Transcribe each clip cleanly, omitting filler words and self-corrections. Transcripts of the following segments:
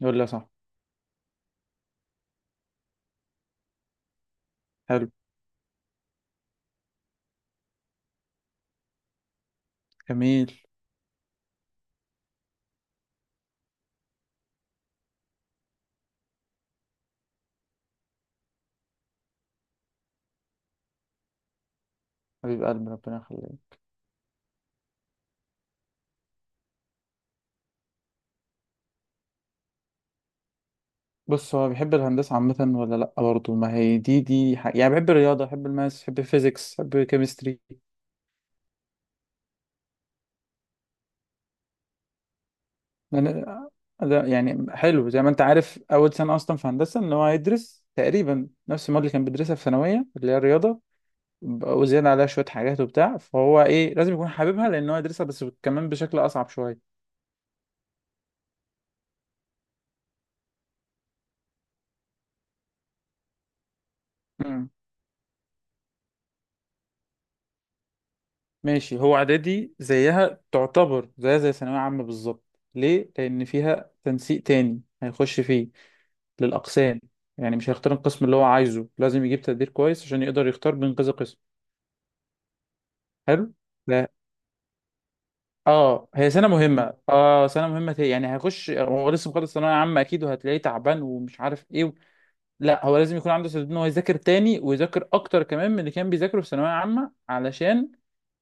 يقول لي صح. حلو. جميل. حبيب قلبي، ربنا يخليك. بص، هو بيحب الهندسة عامة ولا لأ؟ برضه ما هي دي حق. يعني بحب الرياضة، بحب الماس، بحب الفيزيكس، بحب الكيمستري. أنا ده يعني حلو. زي ما أنت عارف، أول سنة أصلا في هندسة إن هو هيدرس تقريبا نفس المواد اللي كان بيدرسها في ثانوية، اللي هي الرياضة، وزيادة عليها شوية حاجات وبتاع. فهو إيه، لازم يكون حاببها، لأن هو يدرسها بس كمان بشكل أصعب شوية. ماشي، هو اعدادي زيها، تعتبر زيها زي ثانوية عامة بالظبط. ليه؟ لأن فيها تنسيق تاني هيخش فيه للأقسام. يعني مش هيختار القسم اللي هو عايزه، لازم يجيب تقدير كويس عشان يقدر يختار بين كذا قسم. حلو؟ لا. اه، هي سنة مهمة، اه سنة مهمة تاني. يعني هيخش، هو لسه مخلص ثانوية عامة أكيد، وهتلاقيه تعبان ومش عارف إيه لا، هو لازم يكون عنده استعداد إن هو يذاكر تاني، ويذاكر أكتر كمان من اللي كان بيذاكره في ثانوية عامة، علشان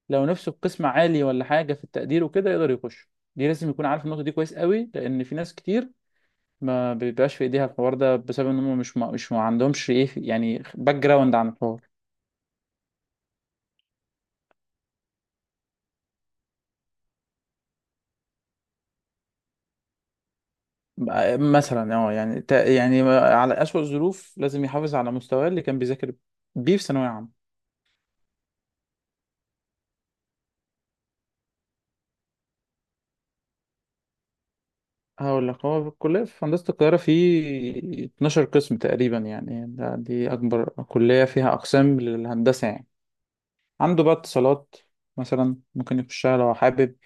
لو نفسه في قسم عالي ولا حاجه في التقدير وكده يقدر يخش. دي لازم يكون عارف النقطه دي كويس قوي، لان في ناس كتير ما بيبقاش في ايديها الحوار ده بسبب ان هم مش ما مش ما عندهمش ايه يعني باك جراوند عن الحوار. بقى- مثلا اه يعني تا- يعني على اسوأ الظروف لازم يحافظ على مستواه اللي كان بيذاكر بيه في ثانويه عامه. هقول لك، هو في الكلية في هندسة القاهرة في 12 قسم تقريبا، يعني دي أكبر كلية فيها أقسام للهندسة يعني. عنده بقى اتصالات مثلا، ممكن يخشها لو حابب.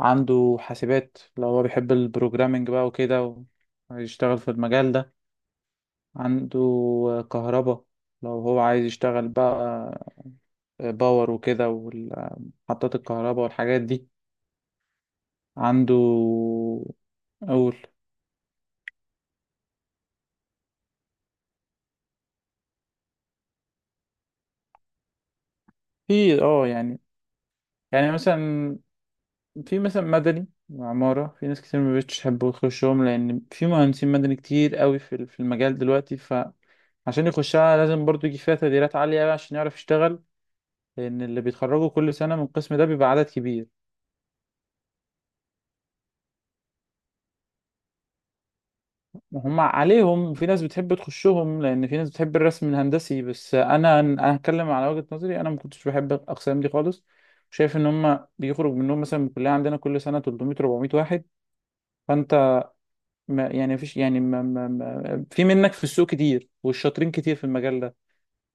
عنده حاسبات لو هو بيحب البروجرامينج بقى وكده، ويشتغل في المجال ده. عنده كهرباء لو هو عايز يشتغل بقى باور وكده، ومحطات الكهرباء والحاجات دي. عنده أقول في اه يعني. يعني مثلا في مثلا مدني وعمارة، في ناس كتير ما بقتش تحب تخشهم، لأن في مهندسين مدني كتير قوي في المجال دلوقتي. فعشان يخشها لازم برضو يجي فيها تقديرات عالية عشان يعرف يشتغل، لأن اللي بيتخرجوا كل سنة من القسم ده بيبقى عدد كبير. هم عليهم، وفي ناس بتحب تخشهم لأن في ناس بتحب الرسم الهندسي. بس أنا هتكلم على وجهة نظري، أنا ما كنتش بحب الأقسام دي خالص. شايف إن هم بيخرج منهم مثلا من الكلية عندنا كل سنة 300 400 واحد. فأنت ما يعني مفيش يعني ما ما ما في منك في السوق كتير، والشاطرين كتير في المجال ده،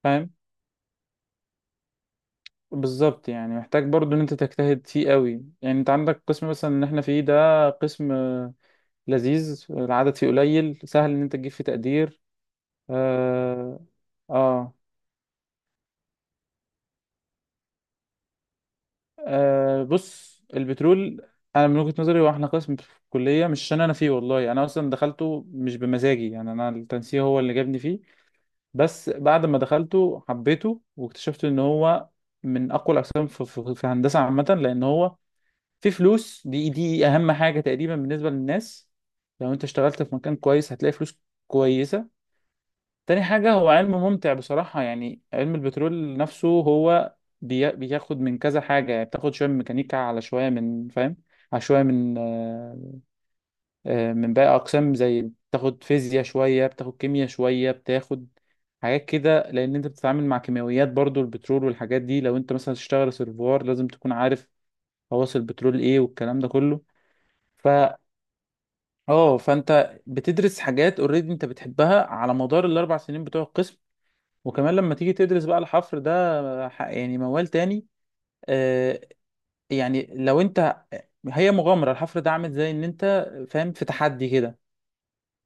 فاهم. بالظبط، يعني محتاج برضو ان انت تجتهد فيه قوي. يعني انت عندك قسم مثلا ان احنا فيه، ده قسم لذيذ، العدد فيه قليل، سهل ان انت تجيب فيه تقدير. آه. اه. اه بص، البترول انا من وجهة نظري، واحنا قسم في الكلية، مش عشان انا فيه، والله انا اصلا دخلته مش بمزاجي، يعني انا التنسيق هو اللي جابني فيه. بس بعد ما دخلته حبيته، واكتشفت ان هو من اقوى الاقسام في هندسة عامة، لان هو فيه فلوس. دي اهم حاجة تقريبا بالنسبة للناس. لو انت اشتغلت في مكان كويس هتلاقي فلوس كويسة. تاني حاجة، هو علم ممتع بصراحة، يعني علم البترول نفسه هو بياخد من كذا حاجة. يعني بتاخد شوية من ميكانيكا، على شوية من فاهم، على شوية من من باقي أقسام. زي بتاخد فيزياء شوية، بتاخد كيمياء شوية، بتاخد حاجات كده، لأن أنت بتتعامل مع كيماويات برضو، البترول والحاجات دي. لو أنت مثلا تشتغل سيرفوار لازم تكون عارف خواص البترول إيه والكلام ده كله. ف اه فانت بتدرس حاجات اوريدي انت بتحبها على مدار الـ 4 سنين بتوع القسم. وكمان لما تيجي تدرس بقى الحفر ده يعني موال تاني. آه، يعني لو انت، هي مغامرة الحفر ده عامل زي ان انت، فاهم، في تحدي كده.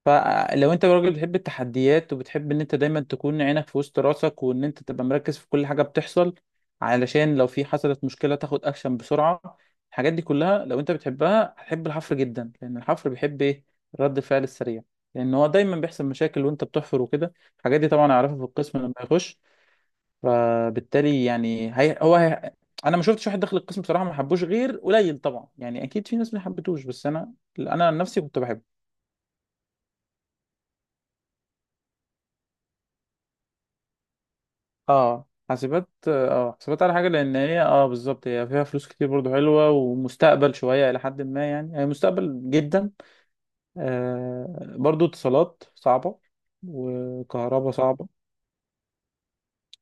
فلو انت راجل بتحب التحديات، وبتحب ان انت دايما تكون عينك في وسط راسك، وان انت تبقى مركز في كل حاجة بتحصل، علشان لو في حصلت مشكلة تاخد اكشن بسرعة. الحاجات دي كلها لو انت بتحبها هتحب الحفر جدا، لان الحفر بيحب ايه، رد الفعل السريع، لان هو دايما بيحصل مشاكل وانت بتحفر وكده. الحاجات دي طبعا اعرفها في القسم لما يخش. فبالتالي يعني هي انا ما شفتش واحد دخل القسم بصراحه ما حبوش، غير قليل طبعا، يعني اكيد في ناس ما حبتوش، بس انا عن نفسي كنت بحبه. اه، حاسبات. اه، حاسبات على حاجه، لان هي اه بالظبط هي فيها فلوس كتير برضو، حلوه ومستقبل شويه الى حد ما، يعني هي مستقبل جدا. آه، برضو اتصالات صعبه، وكهرباء صعبه.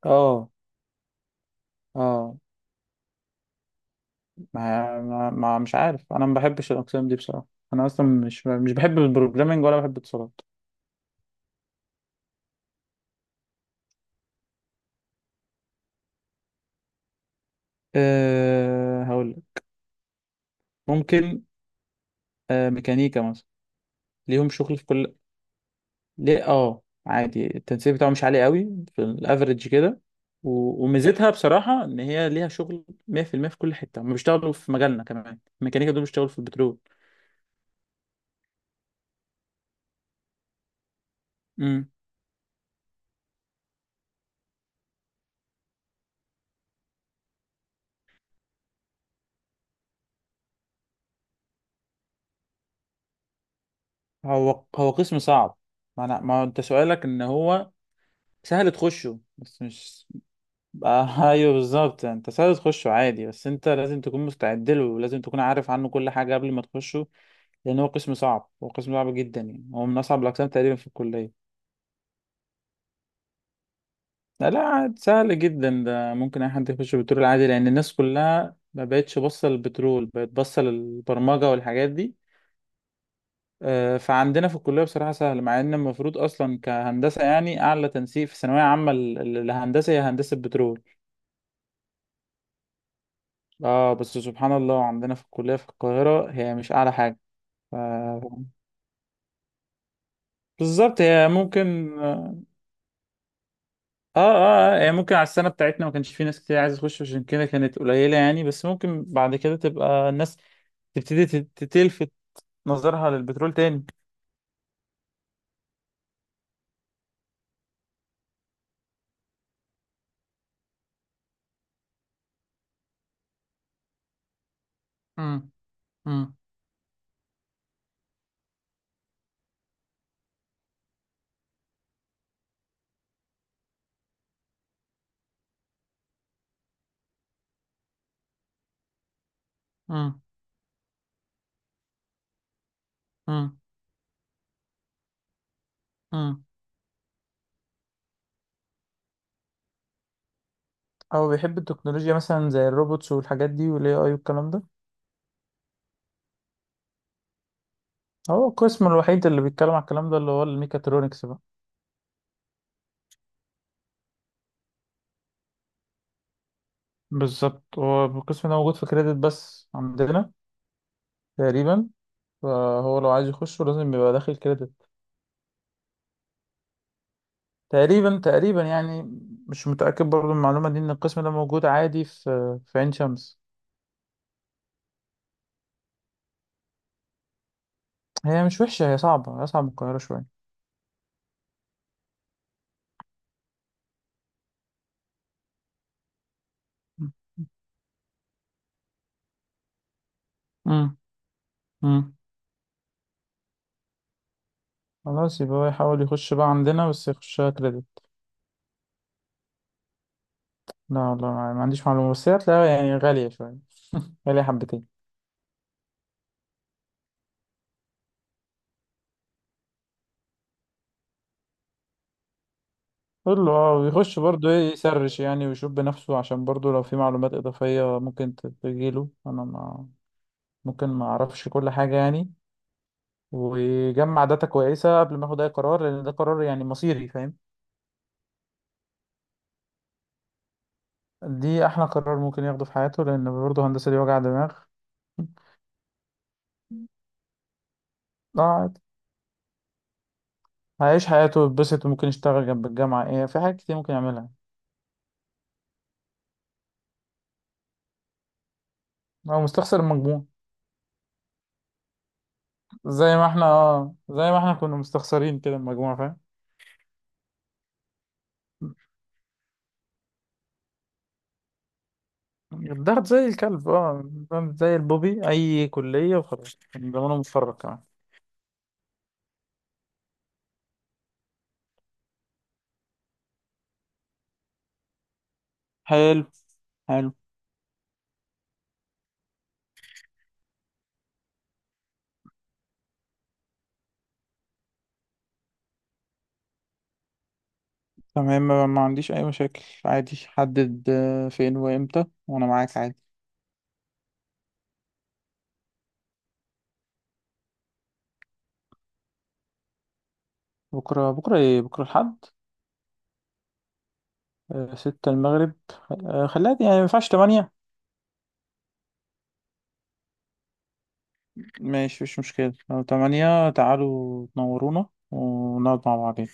اه. اه، مش عارف، انا ما بحبش الاقسام دي بصراحه. انا اصلا مش بحب البروجرامينج ولا بحب اتصالات. أه، هقول لك. ممكن أه ميكانيكا مثلا، ليهم شغل في كل. ليه؟ اه عادي، التنسيق بتاعه مش عالي قوي، في الافريج كده. وميزتها بصراحة ان هي ليها شغل 100% في المية، في كل حتة هم بيشتغلوا، في مجالنا كمان الميكانيكا دول بيشتغلوا في البترول. امم. هو قسم صعب. ما انا، ما انت سؤالك ان هو سهل تخشه بس مش. آه، ايوه بالظبط، انت سهل تخشه عادي بس انت لازم تكون مستعد له، ولازم تكون عارف عنه كل حاجه قبل ما تخشه، لان هو قسم صعب، هو قسم صعب جدا، يعني هو من اصعب الاقسام تقريبا في الكليه. لا لا، عاد سهل جدا ده، ممكن اي حد يخش بترول عادي، لان الناس كلها ما بقتش باصه للبترول، بقت باصه للبرمجه والحاجات دي. آه، فعندنا في الكليه بصراحه سهل، مع ان المفروض اصلا كهندسه يعني اعلى تنسيق في ثانويه عامه للهندسه هي هندسه بترول. اه بس سبحان الله عندنا في الكليه في القاهره هي مش اعلى حاجه. ف- بالظبط، هي ممكن اه، اه آه، هي ممكن على السنة بتاعتنا ما كانش في ناس كتير عايزة تخش، عشان كده كانت قليلة يعني. بس ممكن بعد كده تبقى الناس تبتدي تلفت نظرها للبترول تاني. مم. مم. مم. مم. مم. أو بيحب التكنولوجيا مثلا، زي الروبوتس والحاجات دي، والاي اي والكلام ده. هو القسم الوحيد اللي بيتكلم على الكلام ده اللي هو الميكاترونكس بقى. بالظبط، هو القسم ده موجود في كريدت بس عندنا تقريبا، فهو لو عايز يخشه لازم يبقى داخل كريدت. تقريبا تقريبا يعني، مش متأكد برضو من المعلومة دي، إن القسم ده موجود عادي في عين شمس. هي مش وحشة، هي صعبة، أصعب من القاهرة شوية. امم. امم. خلاص، يبقى هو يحاول يخش بقى عندنا بس يخشها كريدت. لا والله، ما عنديش معلومة، بس هي هتلاقيها يعني غالية شوية، غالية حبتين. قول له اه، ويخش برضه ايه، يسرش يعني ويشوف بنفسه، عشان برضه لو في معلومات إضافية ممكن تجيله، أنا ما ممكن ما أعرفش كل حاجة يعني. ويجمع داتا كويسة قبل ما ياخد أي قرار، لأن ده قرار يعني مصيري، فاهم. دي احلى قرار ممكن ياخده في حياته، لان برضه هندسة دي وجع دماغ. قاعد هيعيش حياته ويتبسط، وممكن يشتغل جنب الجامعة، ايه، في حاجات كتير ممكن يعملها. هو مستخسر المجموع. زي ما احنا، اه زي ما احنا كنا مستخسرين كده المجموع، فاهم. الضغط زي الكلب، اه زي البوبي، اي كلية وخلاص كان زمانه متفرج كمان. حلو. حلو. تمام، ما عنديش اي مشاكل عادي، حدد فين وامتى وانا معاك عادي. بكرة؟ بكرة ايه، بكرة الحد؟ آه، 6 المغرب. آه، خليها يعني ما ينفعش 8؟ ماشي، مش مشكلة، لو 8 تعالوا تنورونا ونقعد مع بعضين.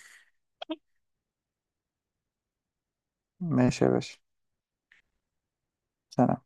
ماشي يا باشا، سلام.